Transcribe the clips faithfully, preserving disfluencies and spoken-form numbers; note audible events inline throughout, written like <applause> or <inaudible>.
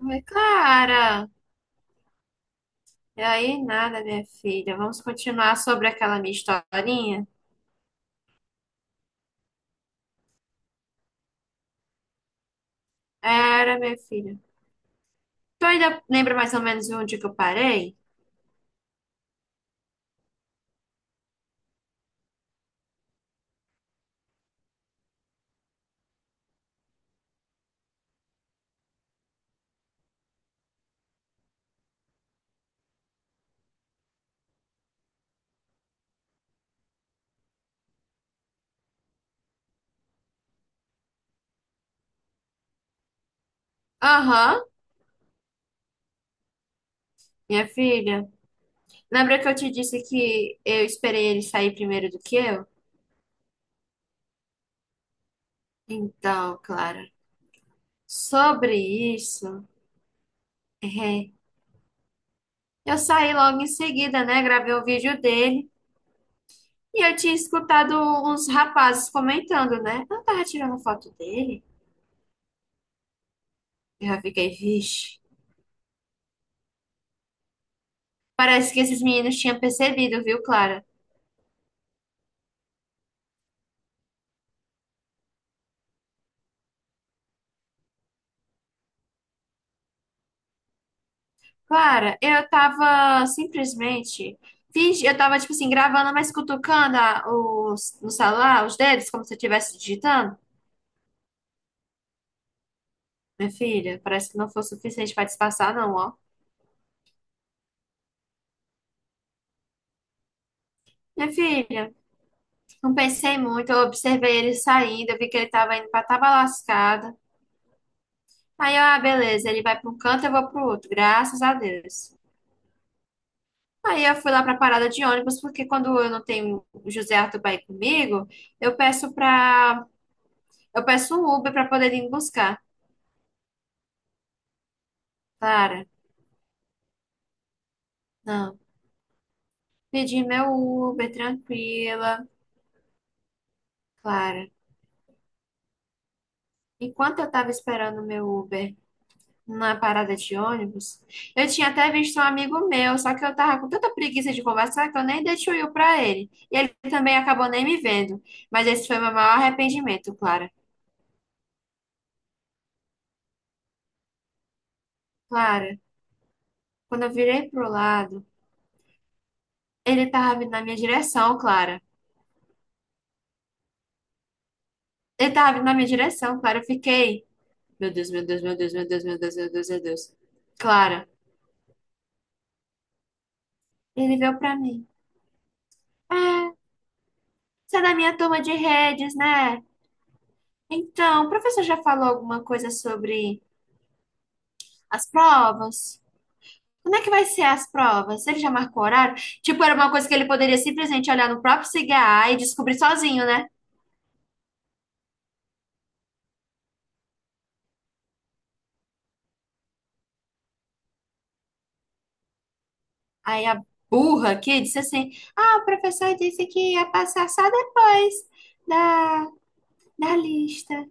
Oi, Clara. E aí, nada, minha filha. Vamos continuar sobre aquela minha historinha? Era, minha filha. Tu ainda lembra mais ou menos onde que eu parei? Aham, minha filha. Lembra que eu te disse que eu esperei ele sair primeiro do que eu? Então, Clara, sobre isso, é, eu saí logo em seguida, né? Gravei o vídeo dele e eu tinha escutado uns rapazes comentando, né? Eu tava tirando foto dele. Eu já fiquei, vixe. Parece que esses meninos tinham percebido, viu, Clara? Clara, eu tava simplesmente. fingi- Eu tava, tipo assim, gravando, mas cutucando a- os, no celular, os dedos, como se eu estivesse digitando. Minha filha, parece que não foi o suficiente pra disfarçar, não, ó. Minha filha, não pensei muito, eu observei ele saindo, eu vi que ele tava indo pra Tabalascada. Aí, eu, ah, beleza, ele vai pra um canto, eu vou pro outro. Graças a Deus. Aí eu fui lá para a parada de ônibus, porque quando eu não tenho o José Arthur para ir comigo, eu peço para eu peço um Uber para poder ir me buscar. Clara, não. Pedi meu Uber, tranquila. Clara, enquanto eu estava esperando o meu Uber na parada de ônibus, eu tinha até visto um amigo meu, só que eu tava com tanta preguiça de conversar que eu nem dei tchuiu para ele. E ele também acabou nem me vendo. Mas esse foi meu maior arrependimento, Clara. Clara, quando eu virei pro lado, ele tava vindo na minha direção, Clara. Ele tava vindo na minha direção, Clara. Eu fiquei. Meu Deus, meu Deus, meu Deus, meu Deus, meu Deus, meu Deus, meu Deus. Clara, ele veio pra mim. É, você é da minha turma de redes, né? Então, o professor já falou alguma coisa sobre as provas? Como é que vai ser as provas? Ele já marcou horário? Tipo, era uma coisa que ele poderia simplesmente olhar no próprio C G A e descobrir sozinho, né? Aí a burra aqui disse assim: Ah, o professor disse que ia passar só depois da Da lista.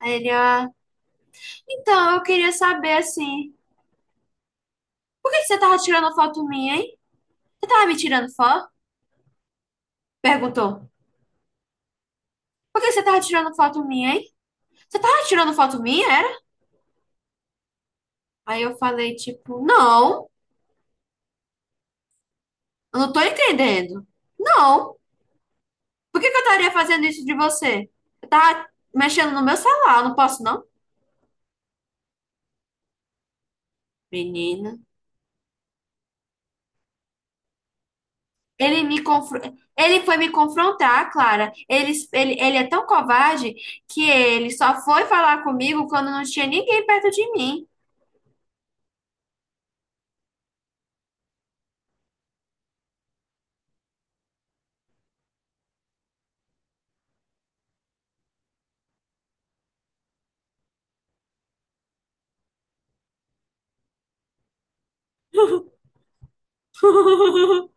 Aí ele, ah, então, eu queria saber, assim, por que que você tava tirando foto minha, hein? Você tava me tirando foto? Perguntou. Por que que você tava tirando foto minha, hein? Você tava tirando foto minha, era? Aí eu falei, tipo, não, eu não tô entendendo. Não, por que que eu estaria fazendo isso de você? Eu tava mexendo no meu celular, eu não posso, não? Menina. Ele me confro... ele foi me confrontar, Clara. Ele, ele, ele é tão covarde que ele só foi falar comigo quando não tinha ninguém perto de mim. <laughs>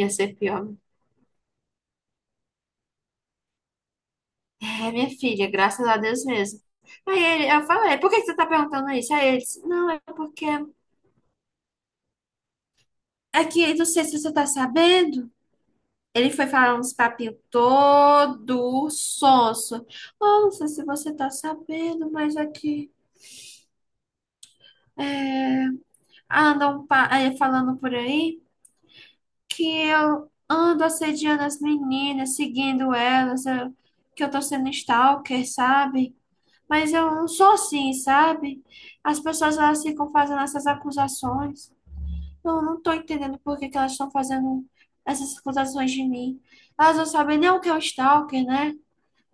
Ia ser pior. É, minha filha, graças a Deus mesmo. Aí ele, eu falei, por que que você tá perguntando isso? Aí ele disse, não, é porque é que não sei se você tá sabendo. Ele foi falar uns papinhos todo sonso. Oh, não sei se você tá sabendo, mas aqui é que, andam pa- eh, falando por aí que eu ando assediando as meninas, seguindo elas, eu- que eu tô sendo stalker, sabe? Mas eu não sou assim, sabe? As pessoas elas ficam fazendo essas acusações. Eu não tô entendendo por que que elas estão fazendo essas acusações de mim. Elas não sabem nem o que é um stalker, né?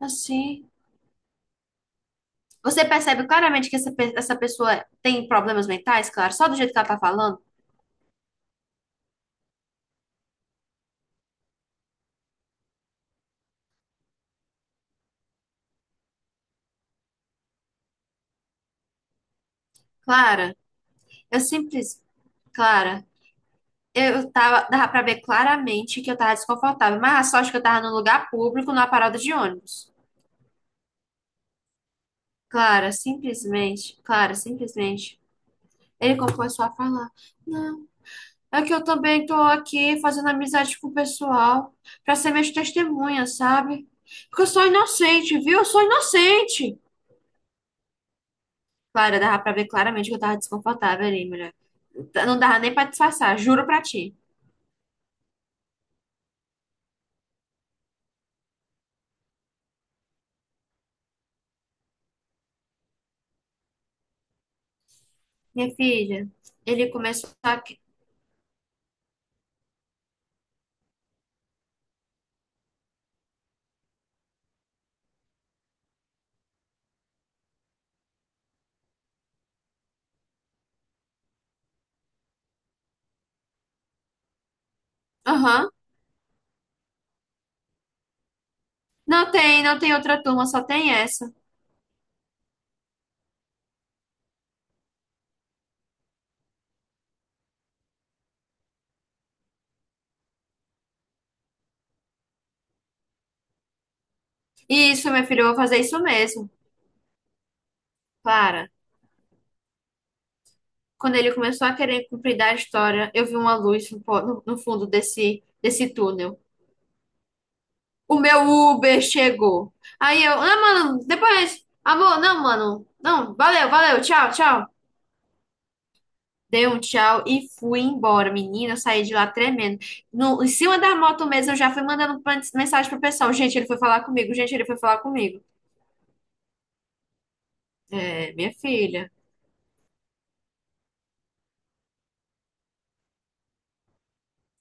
Assim. Você percebe claramente que essa, pe- essa pessoa tem problemas mentais, claro, só do jeito que ela tá falando? Clara, eu simples. Clara. Eu tava, dava pra ver claramente que eu tava desconfortável, mas a sorte que eu tava no lugar público, numa parada de ônibus. Clara, simplesmente, Clara, simplesmente. Ele começou a falar: Não, é que eu também tô aqui fazendo amizade com o pessoal, pra ser minhas testemunhas, sabe? Porque eu sou inocente, viu? Eu sou inocente. Clara, dava pra ver claramente que eu tava desconfortável ali, mulher. Não dava nem pra disfarçar, juro pra ti. Minha filha, ele começou a. Aham. Não tem, não tem outra turma, só tem essa. E isso, meu filho, eu vou fazer isso mesmo. Para. Quando ele começou a querer cumprir da história, eu vi uma luz no, po- no- no fundo desse, desse túnel. O meu Uber chegou. Aí eu, ah, mano, depois. Amor, não, mano. Não, valeu, valeu, tchau, tchau. Dei um tchau e fui embora. Menina, eu saí de lá tremendo. No, em cima da moto mesmo, eu já fui mandando pan- mensagem pro pessoal. Gente, ele foi falar comigo. Gente, ele foi falar comigo. É, minha filha.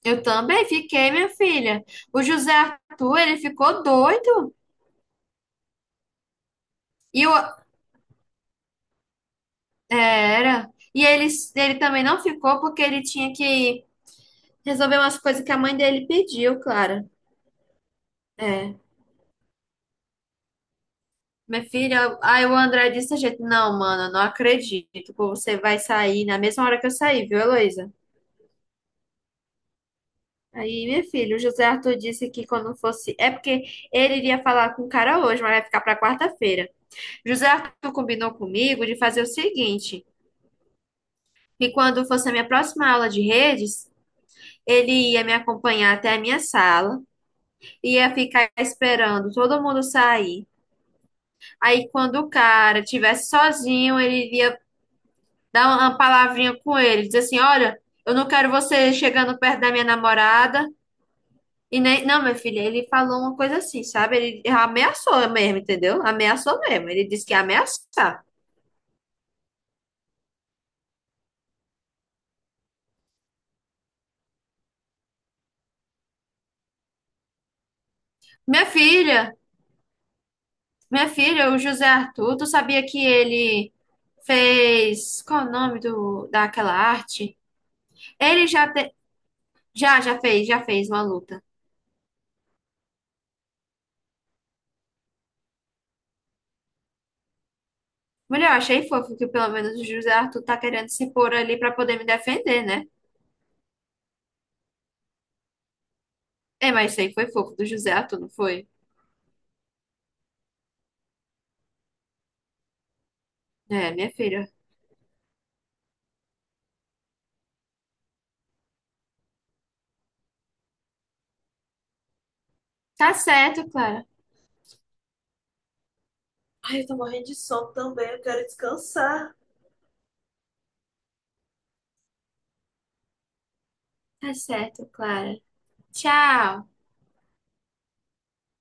Eu também fiquei, minha filha. O José Arthur, ele ficou doido. E o... é, Era. E ele, ele também não ficou porque ele tinha que resolver umas coisas que a mãe dele pediu, Clara. É. Minha filha, aí o André disse a gente, não, mano, eu não acredito que você vai sair na mesma hora que eu saí, viu, Heloísa? Aí, minha filha, o José Arthur disse que quando fosse. É porque ele iria falar com o cara hoje, mas vai ficar pra quarta-feira. José Arthur combinou comigo de fazer o seguinte. E quando fosse a minha próxima aula de redes, ele ia me acompanhar até a minha sala, ia ficar esperando todo mundo sair. Aí, quando o cara estivesse sozinho, ele ia dar uma palavrinha com ele, dizer assim: Olha, eu não quero você chegando perto da minha namorada. E nem, não, meu filho, ele falou uma coisa assim, sabe? Ele ameaçou mesmo, entendeu? Ameaçou mesmo. Ele disse que ia ameaçar. Minha filha, Minha filha, o José Arthur, tu sabia que ele fez. Qual é o nome do, daquela arte? Ele já, te- já, já fez, já fez uma luta. Mulher, eu achei fofo que pelo menos o José Arthur tá querendo se pôr ali pra poder me defender, né? É, mas isso aí foi fofo do José Arthur, não foi? É, minha filha. Tá certo, Clara. Ai, eu tô morrendo de sono também, eu quero descansar. Tá certo, Clara. Tchau.